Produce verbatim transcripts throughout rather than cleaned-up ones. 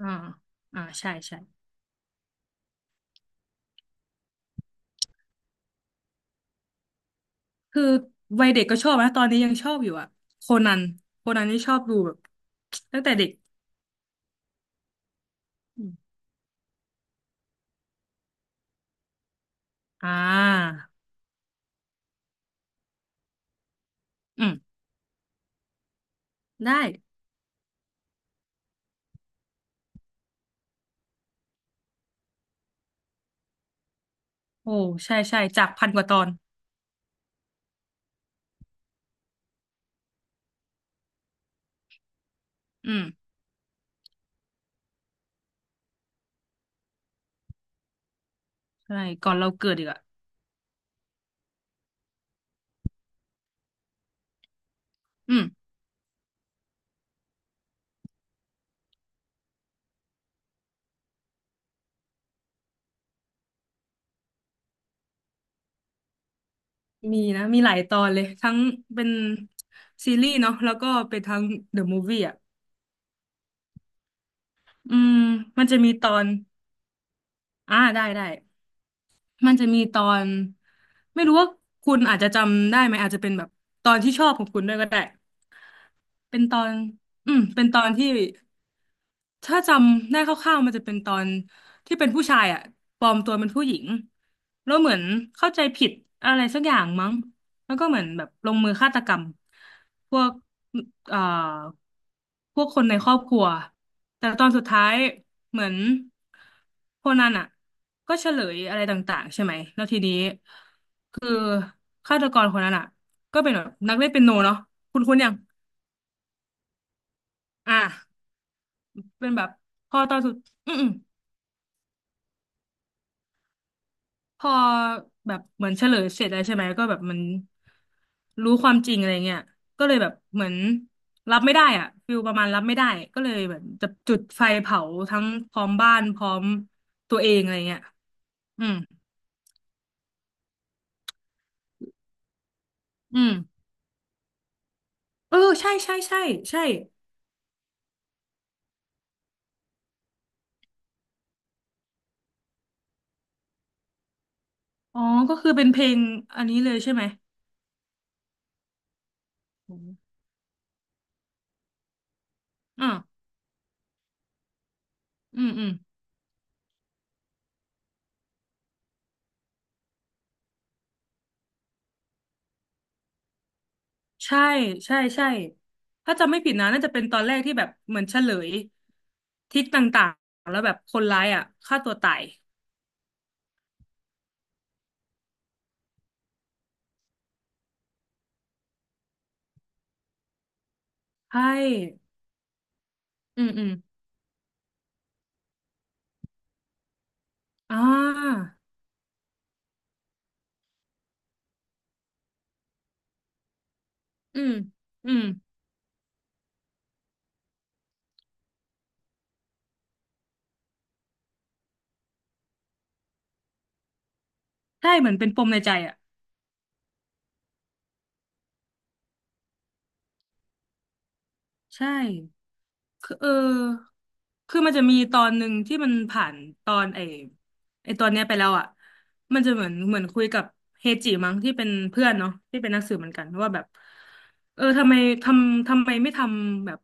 อ่าอ่าใช่ใช่คือวัยเด็กก็ชอบนะตอนนี้ยังชอบอยู่อะโคนันโคนันนี่ชอบดูแบบตั้งแต่เด็กอมอ่าอืมได้โอ้ใช่ใช่จากพันกว่าตอนอืมใช่ก่อนเราเกิดอีกอะอืมมีนะมีหลายตอนเลยทั้งเป็นซีรีส์เนาะแล้วก็เป็นทั้งเดอะมูฟวี่อะอืมมันจะมีตอนอ่าได้ได้มันจะมีตอนไม่รู้ว่าคุณอาจจะจำได้ไหมอาจจะเป็นแบบตอนที่ชอบของคุณด้วยก็ได้ เป็นตอนอืมเป็นตอนที่ถ้าจำได้คร่าวๆมันจะเป็นตอนที่เป็นผู้ชายอ่ะปลอมตัวเป็นผู้หญิงแล้วเหมือนเข้าใจผิดอะไรสักอย่างมั้งแล้วก็เหมือนแบบลงมือฆาตกรรมพวกเอ่อพวกคนในครอบครัวแต่ตอนสุดท้ายเหมือนโคนันอ่ะก็เฉลยอะไรต่างๆใช่ไหมแล้วทีนี้คือฆาตกรคนนั้นอ่ะก็เป็นแบบนักเล่นเปียโนเนาะคุณคุณยังอ่ะ เป็นแบบพอตอนสุดอืมๆพอแบบเหมือนเฉลยเสร็จแล้วใช่ไหมก็แบบมันรู้ความจริงอะไรเงี้ยก็เลยแบบเหมือนรับไม่ได้อ่ะฟิลประมาณรับไม่ได้ก็เลยแบบจะจุดไฟเผาทั้งพร้อมบ้านพร้อมตัวเองอะไรเงี้ยอืมอืมเออใช่ใช่ใช่ใช่อ๋อก็คือเป็นเพลงอันนี้เลยใช่ไหมโอืมอ่าอืมอืม ใช่ใช่ใช่ถ้าจำไม่ผิดนะน่าจะเป็นตอนแรกที่แบบเหมือนเฉลยทิศต่างๆแล้วแบบคนร้ายอ่ะฆ่าตัวตายใช่ อืมอืมอ่าอืมอืมใช่เหมือนเป็นปมในใจอ่ะใช่ คือเออคือมันจะมีตอนหนึ่งที่มันผ่านตอนไอ้ไอ้ตอนเนี้ยไปแล้วอ่ะมันจะเหมือนเหมือนคุยกับเฮจิมั้งที่เป็นเพื่อนเนาะที่เป็นนักสืบเหมือนกันว่าแบบเออทำไมทำทำไมไม่ทำแบบ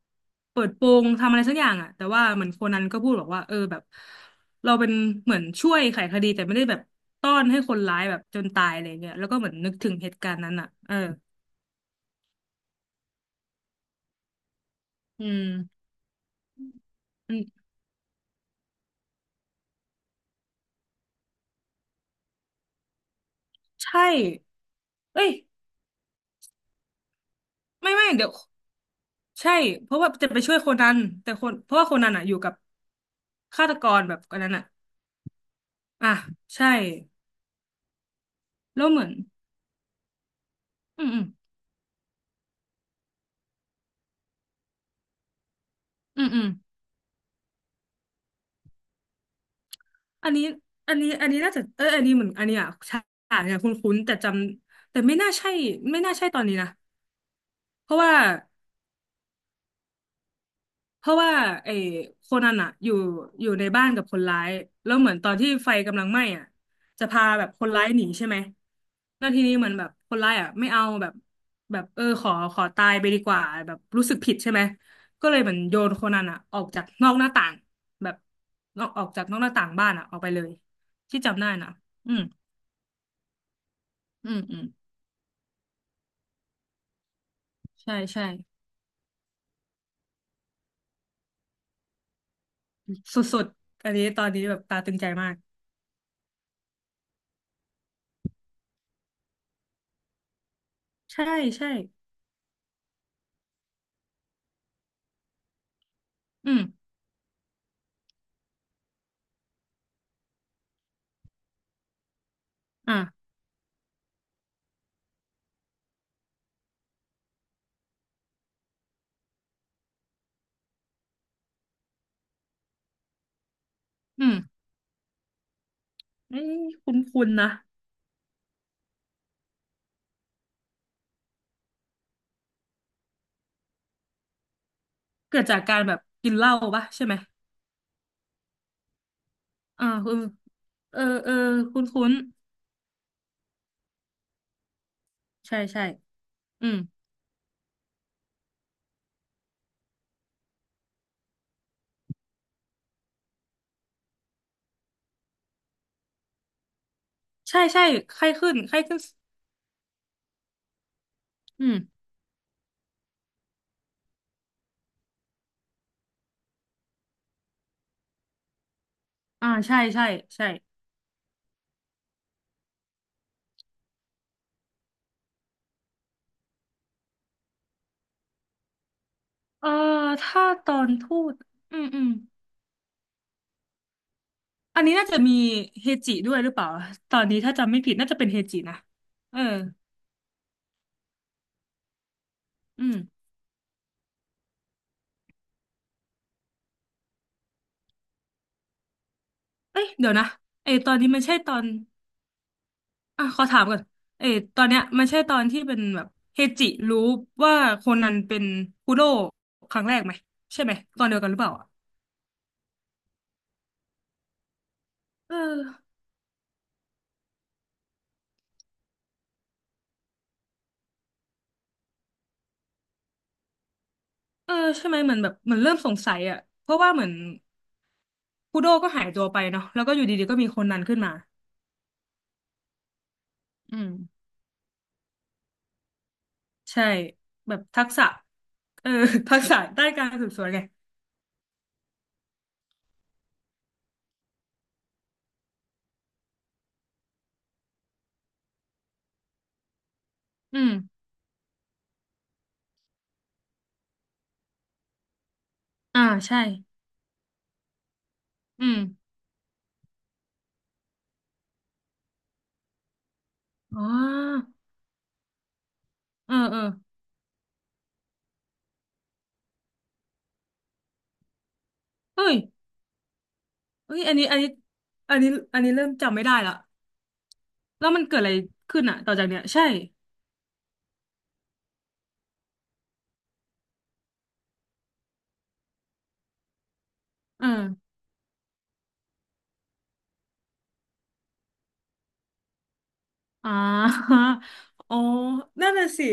เปิดโปงทำอะไรสักอย่างอ่ะแต่ว่าเหมือนโคนันก็พูดบอกว่าเออแบบเราเป็นเหมือนช่วยไขคดีแต่ไม่ได้แบบต้อนให้คนร้ายแบบจนตายอะไรเงี้ยแล้วก็เหมือนนึกถึงเหตุการณ์นั้นอ่ะเอออืมอืมใช่เอ้ยไม่ไม่เดี๋ยว ใช่เพราะว่าจะไปช่วยโคนันแต่คนเพราะว่าโคนันอ่ะอยู่กับฆาตกรแบบอันนั้นอ่ะอ่ะใช่แล้วเหมือนอืมอืมอืมอืมอันนี้อันนี้อันนี้น่าจะเอออันนี้เหมือนอันนี้อ่ะฉากเนี่ยคุ้นๆแต่จำแต่ไม่น่าใช่ไม่น่าใช่ตอนนี้นะเพราะว่า เพราะว่าไอ้โคนันอะอยู่อยู่ในบ้านกับคนร้ายแล้วเหมือนตอนที่ไฟกำลังไหม้อะจะพาแบบคนร้ายหนีใช่ไหมแล้วทีนี้เหมือนแบบคนร้ายอะไม่เอาแบบแบบเออขอขอตายไปดีกว่าแบบรู้สึกผิดใช่ไหมก็เลยเหมือนโยนโคนันอะออกจากนอกหน้าต่างแบบนอกออกจากนอกหน้าต่างบ้านอะออกไปเลยที่จำได้นะอืมอืมอืมใช่ใช่สุดๆอันนี้ตอนนี้แบบตาตึงใจมากใช่ใช่อืมอ่ะอืมเอ้ยคุ้นๆนะ เกิดจากการแบบกินเหล้าปะใช่ไหมอ่าคือเออเออคุ้นคุ้นใช่ใช่อืมใช่ใช่ไข้ขึ้นไข้ขึ้นอืมอ่าใช่ใช่ใช่เออถ้าตอนทูตอืมอืมอันนี้น่าจะมีเฮจิด้วยหรือเปล่าตอนนี้ถ้าจำไม่ผิดน่าจะเป็นเฮจินะเอออืมเอ้ยเดี๋ยวนะไอตอนนี้มันใช่ตอน อ่ะขอถามก่อนเออตอนเนี้ยมันใช่ตอนที่เป็นแบบเฮจิรู้ว่าโคนันเป็นคุโร่ครั้งแรกไหมใช่ไหมตอนเดียวกันหรือเปล่าอ่ะเออเออใช่ไหมเหมือนแบบเหมือนเริ่มสงสัยอ่ะเพราะว่าเหมือนคุโร่ก็หายตัวไปเนาะแล้วก็อยู่ดีๆก็มีโคนันขึ้นมาอืมใช่แบบทักษะเออ ทักษะด้านการสืบสวนไงอืมอ่าใช่อืมอ๋อเออเออเฮ้ยเฮ้ยอันนี้อันนี้อันนี้อันนี้เริ่มจำไม่ได้ละ แล้วมันเกิดอะไรขึ้นอะต่อจากเนี้ยใช่เอออ่า อ๋อนั่นน่ะสิ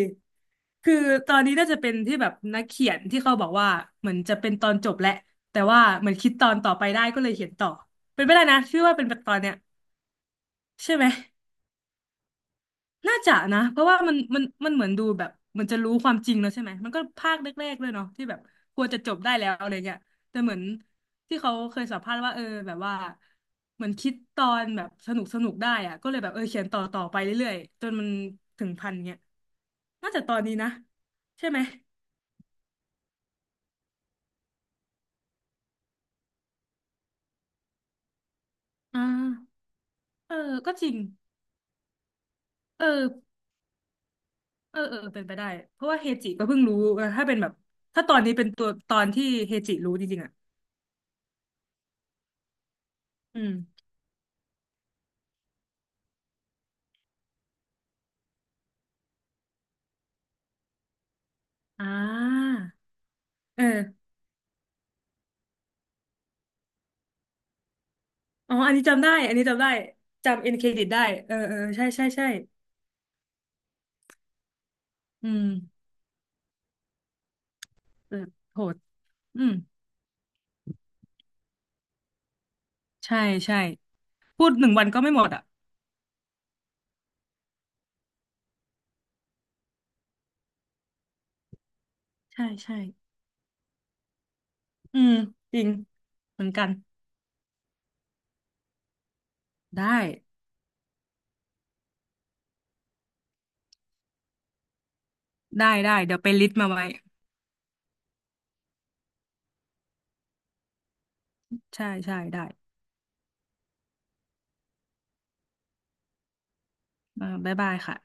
คือตอนนี้น่าจะเป็นที่แบบนักเขียนที่เขาบอกว่าเหมือนจะเป็นตอนจบแหละแต่ว่าเหมือนคิดตอนต่อไปได้ก็เลยเขียนต่อ เป็นไปได้นะชื่อว่าเป็นแบบตอนเนี้ยใช่ไหม น่าจะนะเพราะว่ามันมันมันเหมือนดูแบบมันจะรู้ความจริงแล้วใช่ไหมมันก็ภาคแรกๆด้วยเนาะที่แบบควรจะจบได้แล้วอะไรเงี้ยแต่เหมือนที่เขาเคยสัมภาษณ์ว่าเออแบบว่าเหมือนคิดตอนแบบสนุกสนุกได้อะก็เลยแบบเออเขียนต่อต่อไปเรื่อยๆจนมันถึงพันเงี้ยน่าจะตอนนี้นะใช่ไหมอ่าเออก็จริงเออเออเออเป็นไปได้เพราะว่าเฮจิก็เพิ่งรู้เออถ้าเป็นแบบถ้าตอนนี้เป็นตัวตอนที่เฮจิรู้จริงๆอ่ะอืมอ่าเออ อ๋ออันนี้จำได้ อันนี้จำได้ จำเอ็นเครดิตได้ เออ เออ ใช่ ใช่ ใช่ อืมเออโหด อืม ใช่ ใช่ พูดหนึ่งวันก็ไม่หมดอ่ะ ใช่ ใช่ อืม จริง เหมือนกัน ได้ ได้ ได้ เดี๋ยวไปลิสต์มาไว้ใช่ใช่ได้อ่าบ๊ายบายค่ะ